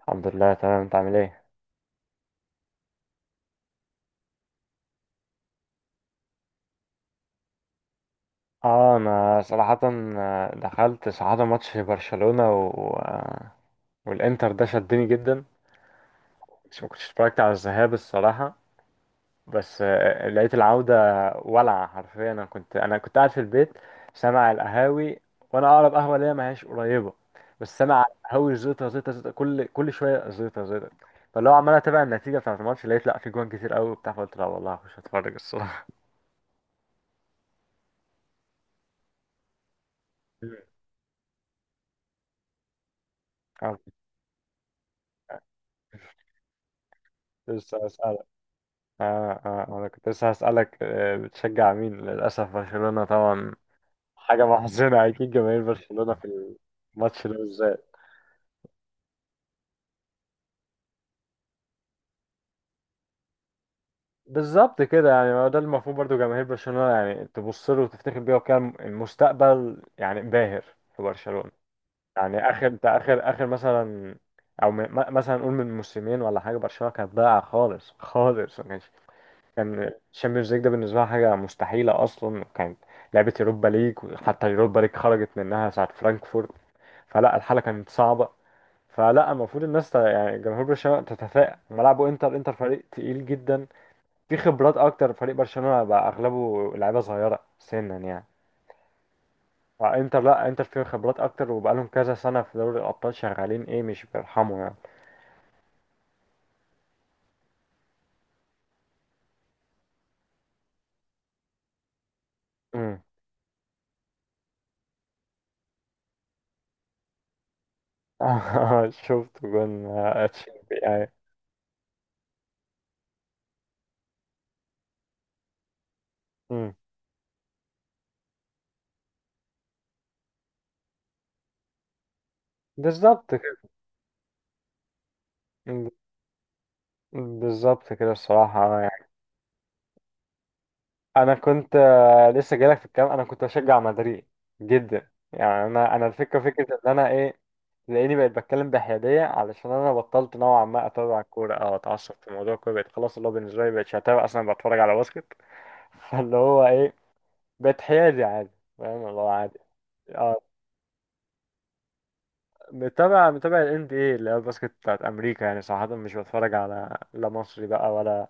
الحمد لله، تمام. انت عامل ايه؟ اه، انا صراحة، دخلت صراحة ماتش برشلونة و... آه، والانتر ده شدني جدا. مش ما كنتش اتفرجت على الذهاب الصراحة، بس لقيت العودة ولعة حرفيا. انا كنت قاعد في البيت سامع القهاوي، وانا اقرب قهوة ليا ما هياش قريبة، بس سامع القهاوي زيطة زيطة زيطة، كل شوية زيطة زيطة. فاللي هو عمال اتابع النتيجة بتاعت الماتش، لقيت لا في جوان كتير قوي وبتاع، فقلت لا والله هخش اتفرج الصراحة. آه، لسه اسألك. اه، اه، انا كنت لسه هسألك، بتشجع مين؟ للأسف برشلونة طبعا، حاجة محزنة. أكيد جماهير برشلونة في الماتش ده بالذات. بالظبط كده، يعني ما هو ده المفروض برضو جماهير برشلونة يعني تبص له وتفتخر بيه، وكان المستقبل يعني باهر في برشلونة. يعني آخر انت آخر آخر مثلا، مثلا نقول من موسمين ولا حاجة، برشلونة كانت ضايعة خالص خالص، ما كانش كان الشامبيونز ليج ده بالنسبه لها حاجه مستحيله اصلا، وكانت لعبه اوروبا ليج، حتى اليوروبا ليج خرجت منها ساعه فرانكفورت، فلا الحاله كانت صعبه. فلا المفروض الناس يعني جمهور برشلونه تتفائل ملعبه انتر. انتر فريق تقيل جدا، في خبرات اكتر، فريق برشلونه بقى اغلبه لعيبه صغيره سنا يعني. فانتر، لا، انتر فيه خبرات اكتر وبقالهم كذا سنه في دوري الابطال، شغالين ايه، مش بيرحموا يعني. امم. شفت جون اتشيربي اي. امم. بالظبط كده، بالظبط كده الصراحة يعني. أنا كنت، لسه جايلك في الكلام، أنا كنت بشجع مدريد جدا يعني. أنا الفكرة إن أنا إيه، تلاقيني بقيت بتكلم بحيادية علشان أنا بطلت نوعا ما أتابع الكورة أو أتعصب في موضوع الكورة، بقيت خلاص اللي هو بالنسبة لي مبقتش أتابع أصلا، بتفرج على باسكت. فاللي هو إيه، بقيت حيادي عادي، فاهم اللي هو عادي. اه، متابع ال NBA اللي هي الباسكت بتاعت أمريكا. يعني صراحة مش بتفرج على لا مصري بقى ولا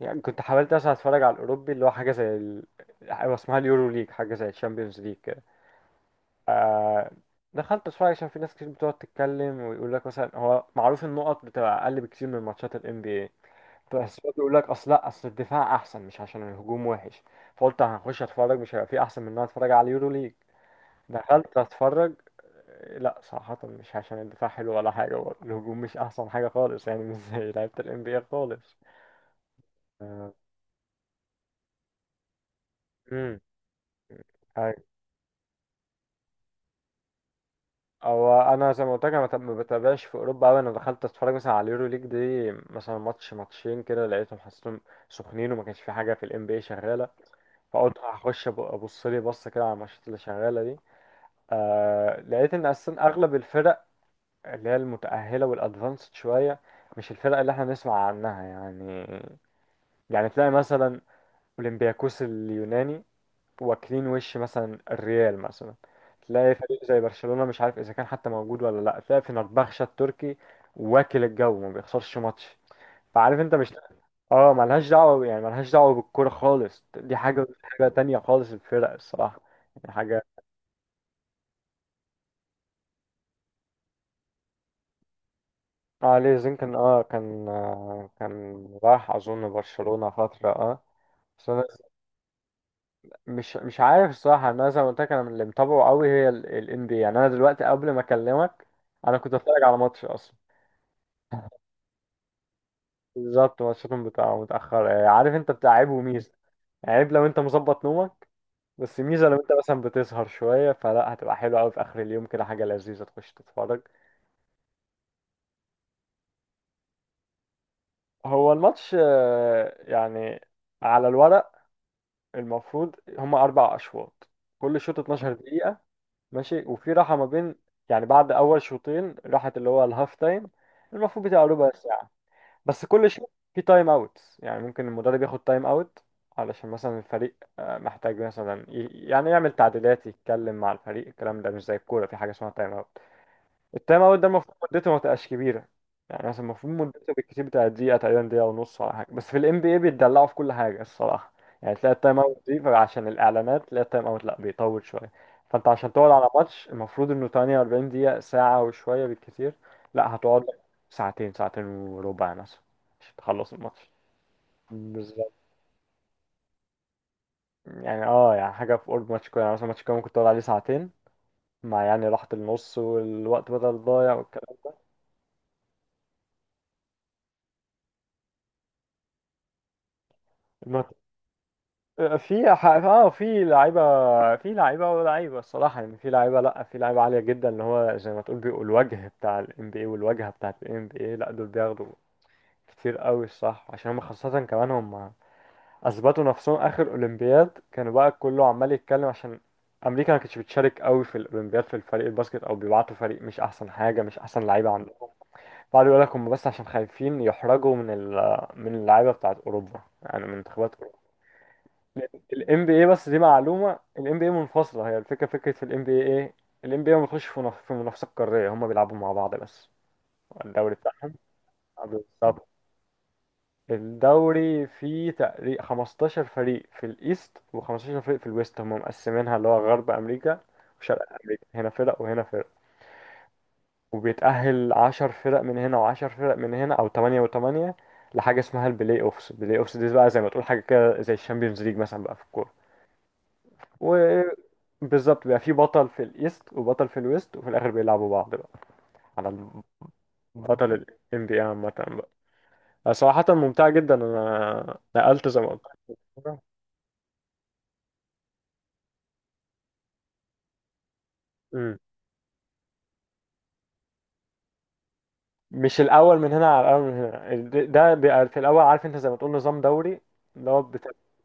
يعني. كنت حاولت اصلا اتفرج على الاوروبي اللي هو حاجه زي ال... هو اسمها اليورو ليج، حاجه زي الشامبيونز ليج كده. دخلت اتفرج عشان في ناس كتير بتقعد تتكلم، ويقول لك مثلا هو معروف النقط بتبقى اقل بكتير من ماتشات الام بي اي. بس هو بيقول لك اصل، لا، اصل الدفاع احسن، مش عشان الهجوم وحش. فقلت هخش اتفرج، مش هيبقى في احسن من ان انا اتفرج على اليورو ليج. دخلت اتفرج، لا صراحة مش عشان الدفاع حلو ولا حاجة برضه. الهجوم مش أحسن حاجة خالص، يعني مش زي لعيبة ال NBA خالص. آه. مم. أيوة. هو انا زي ما قلت لك، انا ما بتابعش في اوروبا قوي. انا دخلت اتفرج مثلا على اليورو ليج دي مثلا ماتش، ماتشين كده، لقيتهم حسيتهم سخنين، وما كانش في حاجه في الام بي اي شغاله. فقلت هخش ابص لي بصه كده على الماتشات اللي شغاله دي. آه، لقيت ان اصلا اغلب الفرق اللي هي المتاهله والادفانسد شويه مش الفرق اللي احنا نسمع عنها يعني. يعني تلاقي مثلا اولمبياكوس اليوناني واكلين وش مثلا الريال مثلا، تلاقي فريق زي برشلونة مش عارف اذا كان حتى موجود ولا لا، تلاقي فنربخشة التركي واكل الجو ما بيخسرش ماتش، فعارف انت مش... اه، ملهاش دعوة، يعني ملهاش دعوة بالكورة خالص، دي حاجة ودي حاجة تانية خالص، الفرق الصراحة يعني حاجة. اه، ليه زين كان راح اظن برشلونة فترة، اه. بس انا مش عارف الصراحة. انا زي ما قلت لك، انا اللي متابعه قوي هي ال NBA. يعني انا دلوقتي قبل ما اكلمك، انا كنت اتفرج على ماتش اصلا. بالظبط، ماتشاتهم بتبقى متأخر، عارف انت بتاع عيب وميزة. عيب لو انت مظبط نومك، بس ميزة لو انت مثلا بتسهر شوية فلا، هتبقى حلوة أوي في آخر اليوم كده، حاجة لذيذة تخش تتفرج. هو الماتش، يعني على الورق المفروض هما أربع أشواط، كل شوط 12 دقيقة. ماشي، وفي راحة ما بين، يعني بعد أول شوطين راحة اللي هو الهاف تايم، المفروض بتبقى ربع ساعة. بس كل شيء في تايم اوتس، يعني ممكن المدرب ياخد تايم اوت علشان مثلا الفريق، محتاج مثلا يعني يعمل تعديلات، يتكلم مع الفريق الكلام ده، مش زي الكورة، في حاجة اسمها تايم اوت. التايم اوت ده المفروض مدته ما تبقاش كبيره، يعني مثلا المفروض مدته بالكتير بتاع دقيقه تقريبا، دقيقه ونص ولا حاجه، بس في الام بي اي بيتدلعوا في كل حاجه الصراحه. يعني تلاقي التايم اوت دي عشان الاعلانات، تلاقي التايم اوت لا بيطول شويه. فانت عشان تقعد على ماتش المفروض انه 48 دقيقه، ساعه وشويه بالكتير، لا هتقعد لك ساعتين، ساعتين وربع مثلا، عشان تخلص الماتش. بالظبط، يعني اه، يعني حاجه في قرب ماتش كوره. يعني مثلا ماتش كوره ممكن تقعد عليه ساعتين مع يعني راحه النص والوقت بدل ضايع والكلام. في ح- اه في لعيبه ولاعيبه الصراحه يعني، في لعيبه، لا، في لعيبه عاليه جدا، اللي هو زي ما تقول بيبقوا الوجه بتاع ال NBA والواجهه بتاعه ال NBA. لا دول بياخدوا كتير قوي الصح، عشان هم خاصه كمان هم اثبتوا نفسهم اخر اولمبياد، كانوا بقى كله عمال يتكلم عشان امريكا ما كانتش بتشارك قوي في الاولمبياد في الفريق الباسكت، او بيبعتوا فريق مش احسن حاجه، مش احسن لعيبه عندهم. بعد يقول لك هم بس عشان خايفين يحرجوا من اللعيبه بتاعه اوروبا، يعني من منتخبات الام بي اي. بس دي معلومه، الام بي اي منفصله. هي الفكره في الام بي اي ايه؟ الام بي اي ما بيخش في منافسه قاريه، هم بيلعبوا مع بعض بس، الدوري بتاعهم. بالظبط، الدوري فيه تقريبا 15 فريق في الايست و15 فريق في الويست، هم مقسمينها اللي هو غرب امريكا وشرق امريكا، هنا فرق وهنا فرق. وبيتاهل 10 فرق من هنا و10 فرق من هنا، او 8 و8، لحاجه اسمها البلاي اوفس. البلاي اوفس دي بقى زي ما تقول حاجه كده زي الشامبيونز ليج مثلا بقى في الكوره. وبالظبط بيبقى في بطل في الايست وبطل في الويست، وفي الاخر بيلعبوا بعض بقى على بطل ال NBA عامة بقى. صراحة ممتعة جدا، انا نقلت زي ما قلت لك. مم. مش الاول من هنا على الاول من هنا، ده بيبقى في الاول. عارف انت زي ما تقول نظام دوري، اللي هو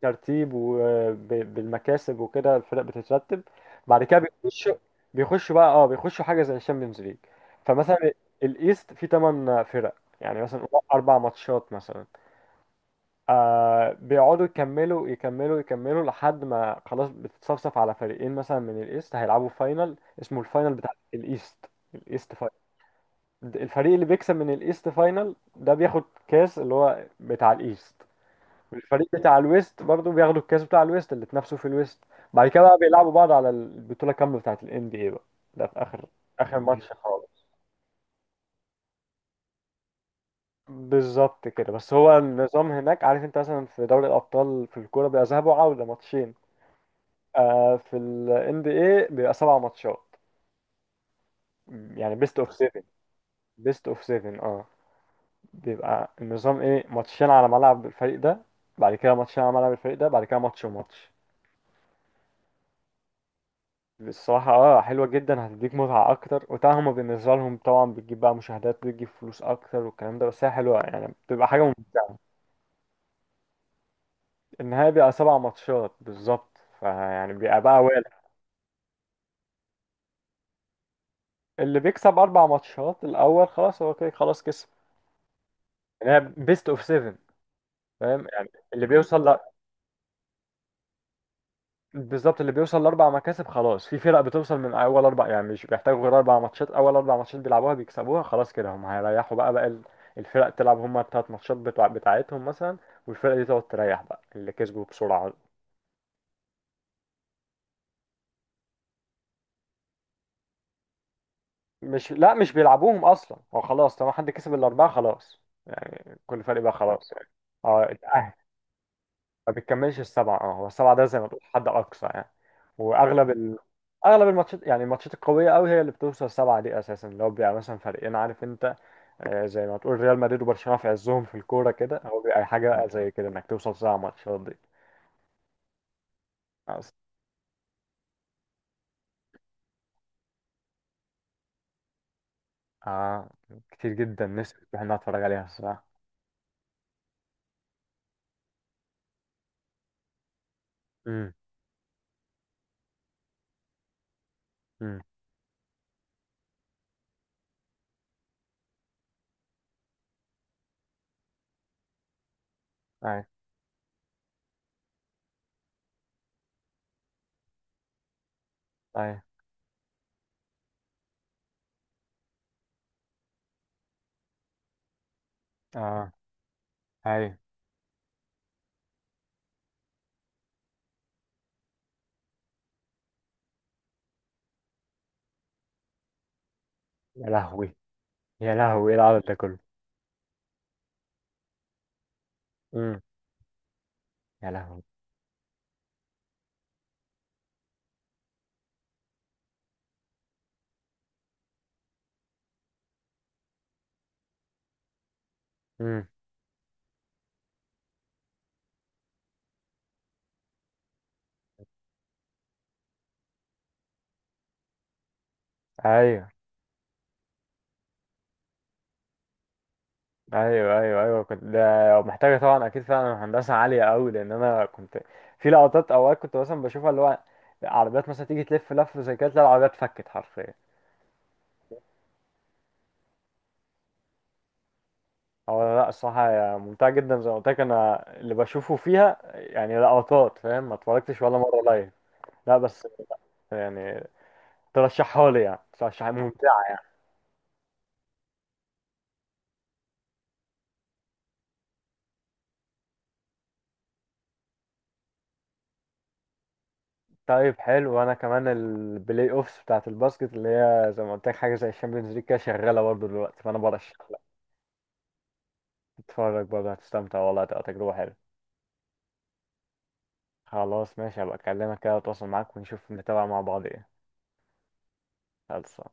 بترتيب وبالمكاسب وكده الفرق بتترتب، بعد كده بيخشوا بيخشوا بقى اه بيخشوا حاجه زي الشامبيونز ليج. فمثلا الايست فيه 8 فرق، يعني مثلا اربع ماتشات مثلا، بيقعدوا يكملوا يكملوا يكملوا لحد ما خلاص بتتصفصف على فريقين مثلا من الايست، هيلعبوا فاينل اسمه الفاينل بتاع الايست، الايست فاينل. الفريق اللي بيكسب من الايست فاينل ده بياخد كاس اللي هو بتاع الايست، والفريق بتاع الويست برضه بياخدوا الكاس بتاع الويست اللي اتنافسوا في الويست. بعد كده بقى بيلعبوا بعض على البطولة كاملة بتاعت ال NBA بقى، ده في اخر، اخر ماتش خالص. بالظبط كده، بس هو النظام هناك، عارف انت، مثلا في دوري الابطال في الكوره بيبقى ذهاب وعوده ماتشين، في ال NBA بيبقى سبع ماتشات، يعني بيست اوف 7، بيست اوف 7، اه. بيبقى النظام ايه: ماتشين على ملعب الفريق ده، بعد كده ماتشين على ملعب الفريق ده، بعد كده ماتش وماتش. الصراحة اه، حلوة جدا، هتديك متعة أكتر، وطبعا هما بالنسبة لهم طبعا بتجيب بقى مشاهدات، بتجيب فلوس أكتر والكلام ده، بس هي حلوة يعني، بتبقى حاجة ممتعة. النهاية بيبقى سبع ماتشات بالظبط، فيعني بيبقى بقى والع. اللي بيكسب أربع ماتشات الأول خلاص، هو كده خلاص كسب. يعني هي بيست أوف 7، فاهم، يعني اللي بيوصل. بالظبط، اللي بيوصل لاربع مكاسب خلاص، في فرق بتوصل من اول اربع، يعني مش بيحتاجوا غير اربع ماتشات، اول اربع ماتشات بيلعبوها بيكسبوها خلاص كده هم هيريحوا بقى الفرق تلعب هم التلات ماتشات بتوع بتاعتهم مثلا، والفرق دي تقعد تريح بقى اللي كسبوا بسرعة. مش، لا، مش بيلعبوهم اصلا، هو خلاص طالما حد كسب الاربعة خلاص، يعني كل فريق بقى خلاص يعني. اه، اتأهل. ما بتكملش السبعة، اه هو السبعة ده زي ما تقول حد اقصى يعني. واغلب ال... اغلب الماتشات يعني، الماتشات القويه قوي هي اللي بتوصل سبعه دي اساسا، لو بيبقى مثلا فريقين عارف انت، زي ما تقول ريال مدريد وبرشلونة في عزهم في الكورة كده، هو بيبقى حاجة بقى زي كده انك توصل ساعة ماتشات دي. أص- اه كتير جدا نفسي اروح إن أنا اتفرج عليها الصراحة. امم. امم. اي. اي. اه. اي. يا لهوي. يا لهوي، ايه العدد ده كله. امم. يا لهوي. امم. ايوه، ايوه، ايوه، ايوه، كنت ده محتاجة طبعا اكيد فعلا هندسة عالية قوي، لان انا كنت في لقطات اوقات كنت مثلا بشوفها اللي هو عربيات مثلا تيجي تلف لف زي كده، تلاقي العربية اتفكت حرفيا. هو لا، الصراحة هي ممتعة جدا، زي ما قلت لك أنا اللي بشوفه فيها يعني لقطات، فاهم، ما اتفرجتش ولا مرة لايف، لا بس يعني ترشحها لي؟ يعني ترشحها ممتعة. طيب، حلو، وأنا كمان البلاي أوفس بتاعة الباسكت اللي هي زي ما قلت لك حاجة زي الشامبيونز ليج كده شغالة برضه دلوقتي، فأنا برشح لك تتفرج برضه، هتستمتع والله، هتبقى تجربة حلوة. خلاص ماشي، هبقى أكلمك كده وأتواصل معاك، ونشوف نتابع مع بعض إيه. خلصان.